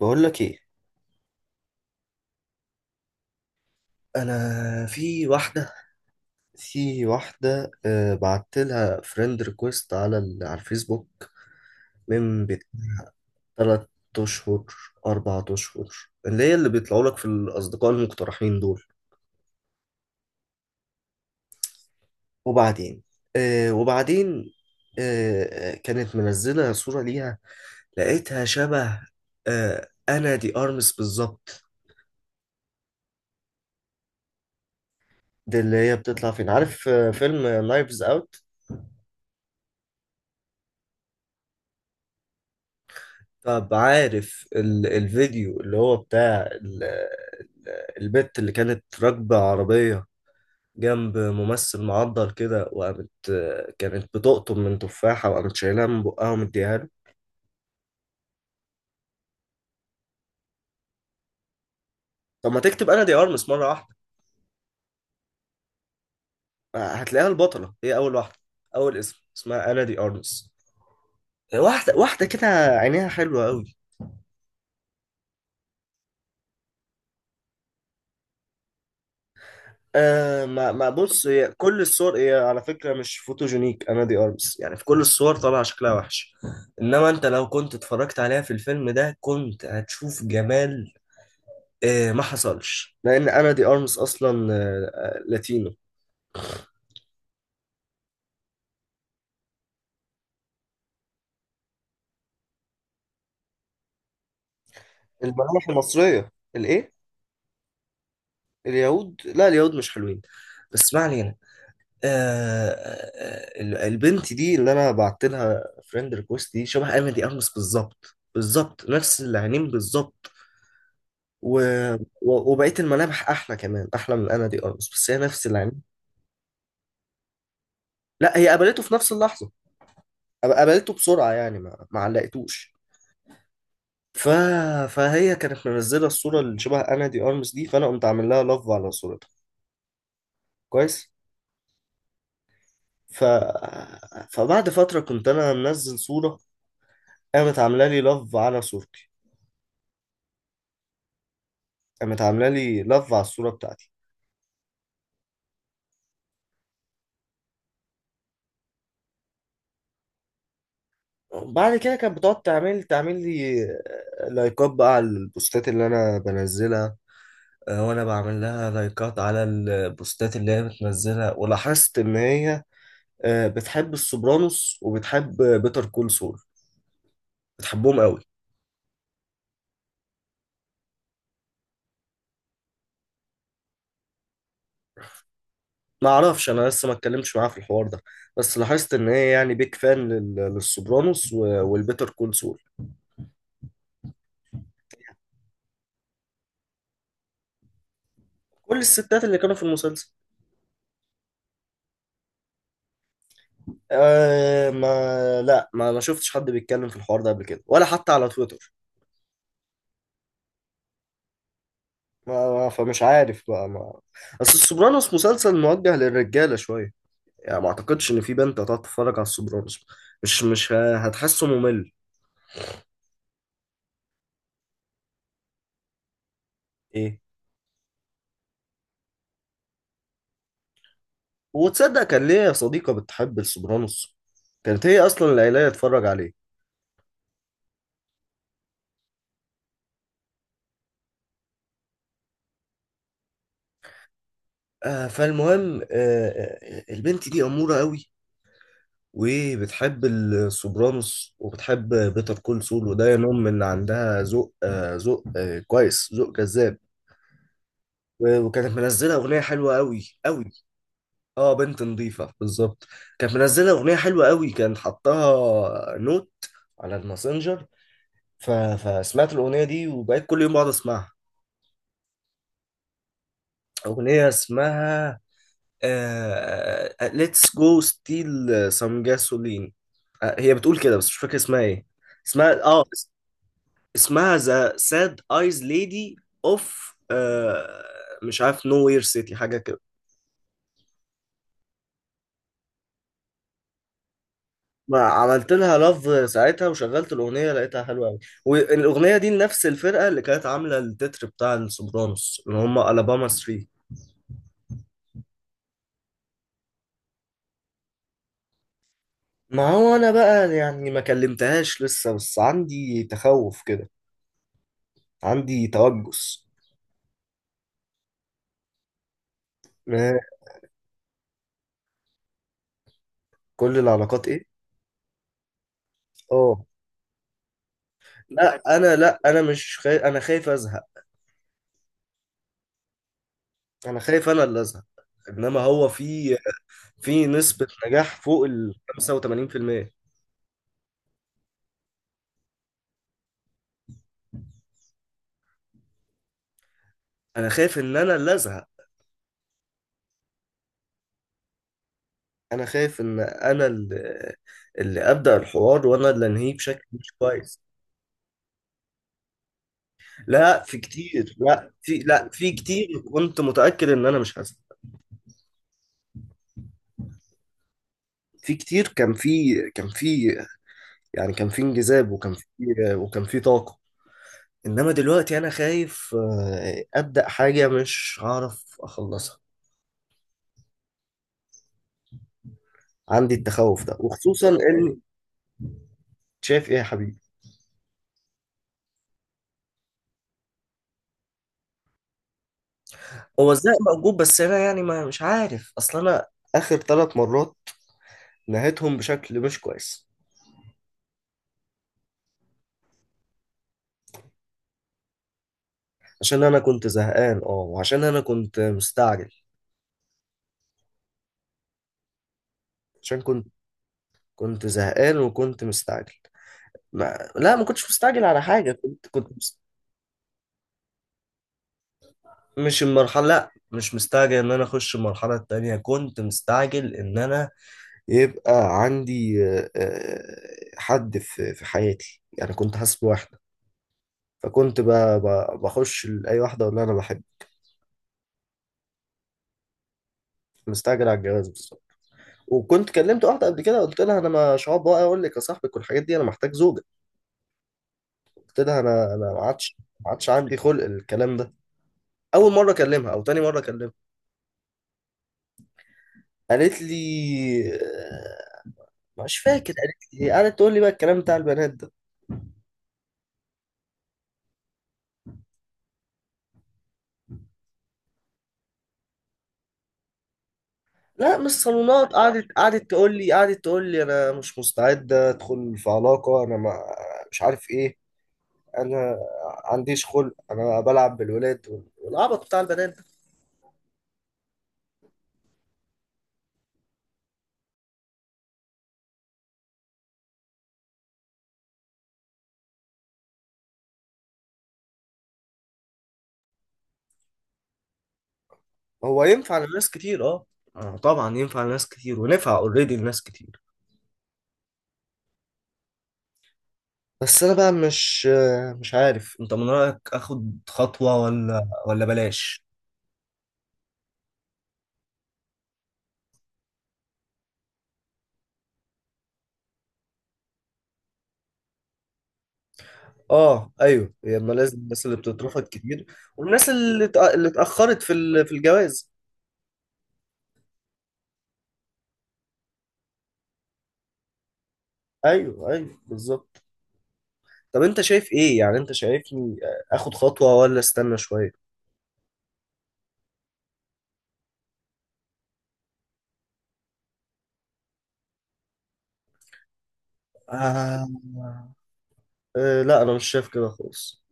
بقول لك ايه؟ انا في واحده بعت لها فريند ريكويست على الفيسبوك من 3 اشهر، 4 اشهر، اللي هي اللي بيطلعوا لك في الاصدقاء المقترحين دول. وبعدين وبعدين. كانت منزله صوره ليها، لقيتها شبه انا دي ارمس بالظبط. دي اللي هي بتطلع فين؟ عارف فيلم نايفز اوت. طب عارف الفيديو اللي هو بتاع البت اللي كانت راكبة عربية جنب ممثل معضل كده؟ وقامت، كانت بتقطم من تفاحة وقامت شايلها من بقها ومديها له. طب ما تكتب أنا دي أرمس مرة واحدة، هتلاقيها البطلة، هي أول واحدة، أول اسم اسمها أنا دي أرمس. واحدة واحدة كده، عينيها حلوة أوي. آه ما ما بص، هي كل الصور هي على فكرة مش فوتوجينيك أنا دي أرمس، يعني في كل الصور طالعة شكلها وحش. إنما أنت لو كنت اتفرجت عليها في الفيلم ده كنت هتشوف جمال. ما حصلش لأن أنا دي أرمس أصلا لاتينو. الملامح المصرية؟ الإيه؟ اليهود؟ لا، اليهود مش حلوين، بس ما علينا. البنت دي اللي أنا بعت لها فريند ريكوست دي شبه أنا دي أرمس بالظبط بالظبط، نفس العينين بالظبط. و... و... وبقيت الملامح احلى كمان، احلى من انا دي ارمس، بس هي نفس العين. لا، هي قابلته في نفس اللحظه. قابلته بسرعه، يعني ما علقتوش. ف... فهي كانت منزله الصوره اللي شبه انا دي ارمس دي، فانا قمت عامل لها لاف على صورتها. كويس. ف... فبعد فتره كنت انا منزل صوره، قامت عامله لي لاف على صورتي، قامت عامله لي لاف على الصوره بتاعتي. بعد كده كانت بتقعد تعمل لي لايكات بقى على البوستات اللي انا بنزلها، وانا بعمل لها لايكات على البوستات اللي هي بتنزلها. ولاحظت ان هي بتحب السوبرانوس، وبتحب بيتر كول سول، بتحبهم قوي. ما اعرفش، انا لسه ما اتكلمتش معاها في الحوار ده، بس لاحظت ان هي يعني بيك فان لل- للسوبرانوس و- والبيتر كول سول. كل الستات اللي كانوا في المسلسل. أه ما لا، ما شفتش حد بيتكلم في الحوار ده قبل كده ولا حتى على تويتر. ما ما- فمش عارف بقى ما اصل السوبرانوس مسلسل موجه للرجاله شويه، يعني ما اعتقدش ان في بنت هتقعد تتفرج على السوبرانوس، مش هتحسه ممل. ايه؟ وتصدق كان ليا صديقة بتحب السوبرانوس، كانت هي اصلا اللي قايله لي اتفرج عليه. فالمهم البنت دي اموره قوي، وبتحب السوبرانوس، وبتحب بيتر كول سول، وده ينم ان عندها ذوق ذوق كويس، ذوق جذاب. و- وكانت منزله اغنيه حلوه قوي قوي. اه، بنت نظيفة بالظبط. كانت منزلة أغنية حلوة قوي، كان حطها نوت على الماسنجر. ف... فسمعت الأغنية دي وبقيت كل يوم بقعد أسمعها. أغنية اسمها Let's go steal some gasoline. آه هي بتقول كده بس مش فاكر اسمها ايه. اسمها اسمها The Sad Eyes Lady of آه... مش عارف Nowhere City، حاجة كده. ما عملت لها لاف ساعتها وشغلت الاغنيه، لقيتها حلوه قوي. والاغنيه دي نفس الفرقه اللي كانت عامله التتر بتاع السوبرانوس، اللي هم الاباما 3. ما هو انا بقى يعني ما كلمتهاش لسه، بس عندي تخوف كده، عندي توجس. ما- كل العلاقات ايه؟ اه، لا، انا مش خايف، انا خايف ازهق، انا خايف انا اللي ازهق. انما هو في نسبة نجاح فوق ال 85%. انا خايف ان انا اللي ازهق، انا خايف ان انا اللي ابدا الحوار وانا اللي انهيه بشكل مش كويس. لا في كتير، لا في كتير. كنت متاكد ان انا مش هسمع. في كتير، كان في، يعني كان في انجذاب، وكان في طاقه. انما دلوقتي انا خايف ابدا حاجه مش هعرف اخلصها، عندي التخوف ده وخصوصا ان... شايف ايه يا حبيبي؟ هو ازاي موجود، بس انا يعني ما مش عارف، اصل انا اخر 3 مرات نهيتهم بشكل مش كويس. عشان انا كنت زهقان، اه، وعشان انا كنت مستعجل، عشان كنت زهقان وكنت مستعجل. ما... لا، ما كنتش مستعجل على حاجة، كنت مش المرحلة، لا، مش مستعجل ان انا اخش المرحلة التانية، كنت مستعجل ان انا يبقى عندي حد في حياتي، يعني كنت حاسس بواحدة، فكنت ب... ب... بخش لأي واحدة اقول لها انا بحب. مستعجل على الجواز بالظبط. وكنت كلمت واحدة قبل كده، قلت لها انا مش هقعد بقى اقول لك يا صاحبك والحاجات دي، انا محتاج زوجة. قلت لها انا ما عادش عندي خلق الكلام ده. اول مره اكلمها او تاني مره اكلمها. قالت لي مش فاكر قالت لي إيه. قعدت تقول لي بقى الكلام بتاع البنات ده. لا، مش صالونات، قعدت تقول لي انا مش مستعده ادخل في علاقه، انا ما... مش عارف ايه، انا عنديش خلق انا بلعب بالولاد وال- والعبط بتاع البنات ده. هو ينفع لناس كتير، اه، طبعا ينفع لناس كتير، ونفع اوريدي لناس كتير. بس انا بقى مش عارف انت من رأيك اخد خطوة ولا بلاش. اه، ايوه، هي اما لازم الناس اللي بتترفض كتير، والناس اللي اتأخرت في في الجواز. ايوه، ايوه، بالظبط. طب انت شايف ايه؟ يعني انت شايفني اخد خطوة ولا استنى شوية؟ آه. أه، لا، انا مش شايف كده خالص.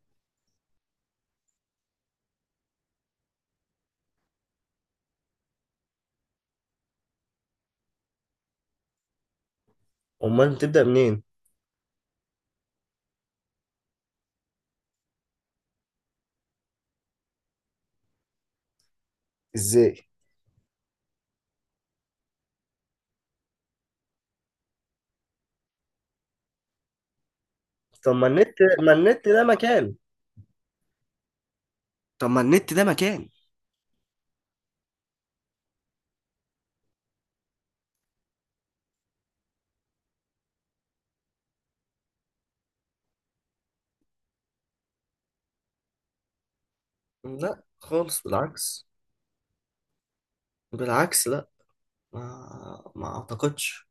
امال تبدأ منين؟ ازاي؟ طب ما النت ما النت ده مكان؟ طب ما النت ده مكان. لا، خالص، بالعكس، بالعكس، لا، ما اعتقدش.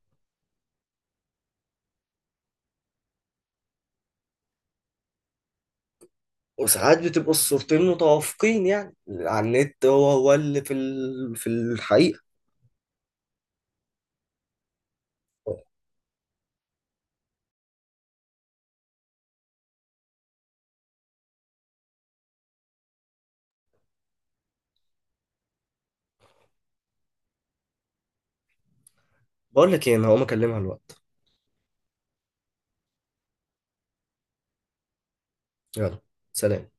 وساعات بتبقوا الصورتين متوافقين، يعني على النت هو هو اللي في في الحقيقة. بقول لك ايه، انا هقوم اكلمها الوقت. يلا. سلام.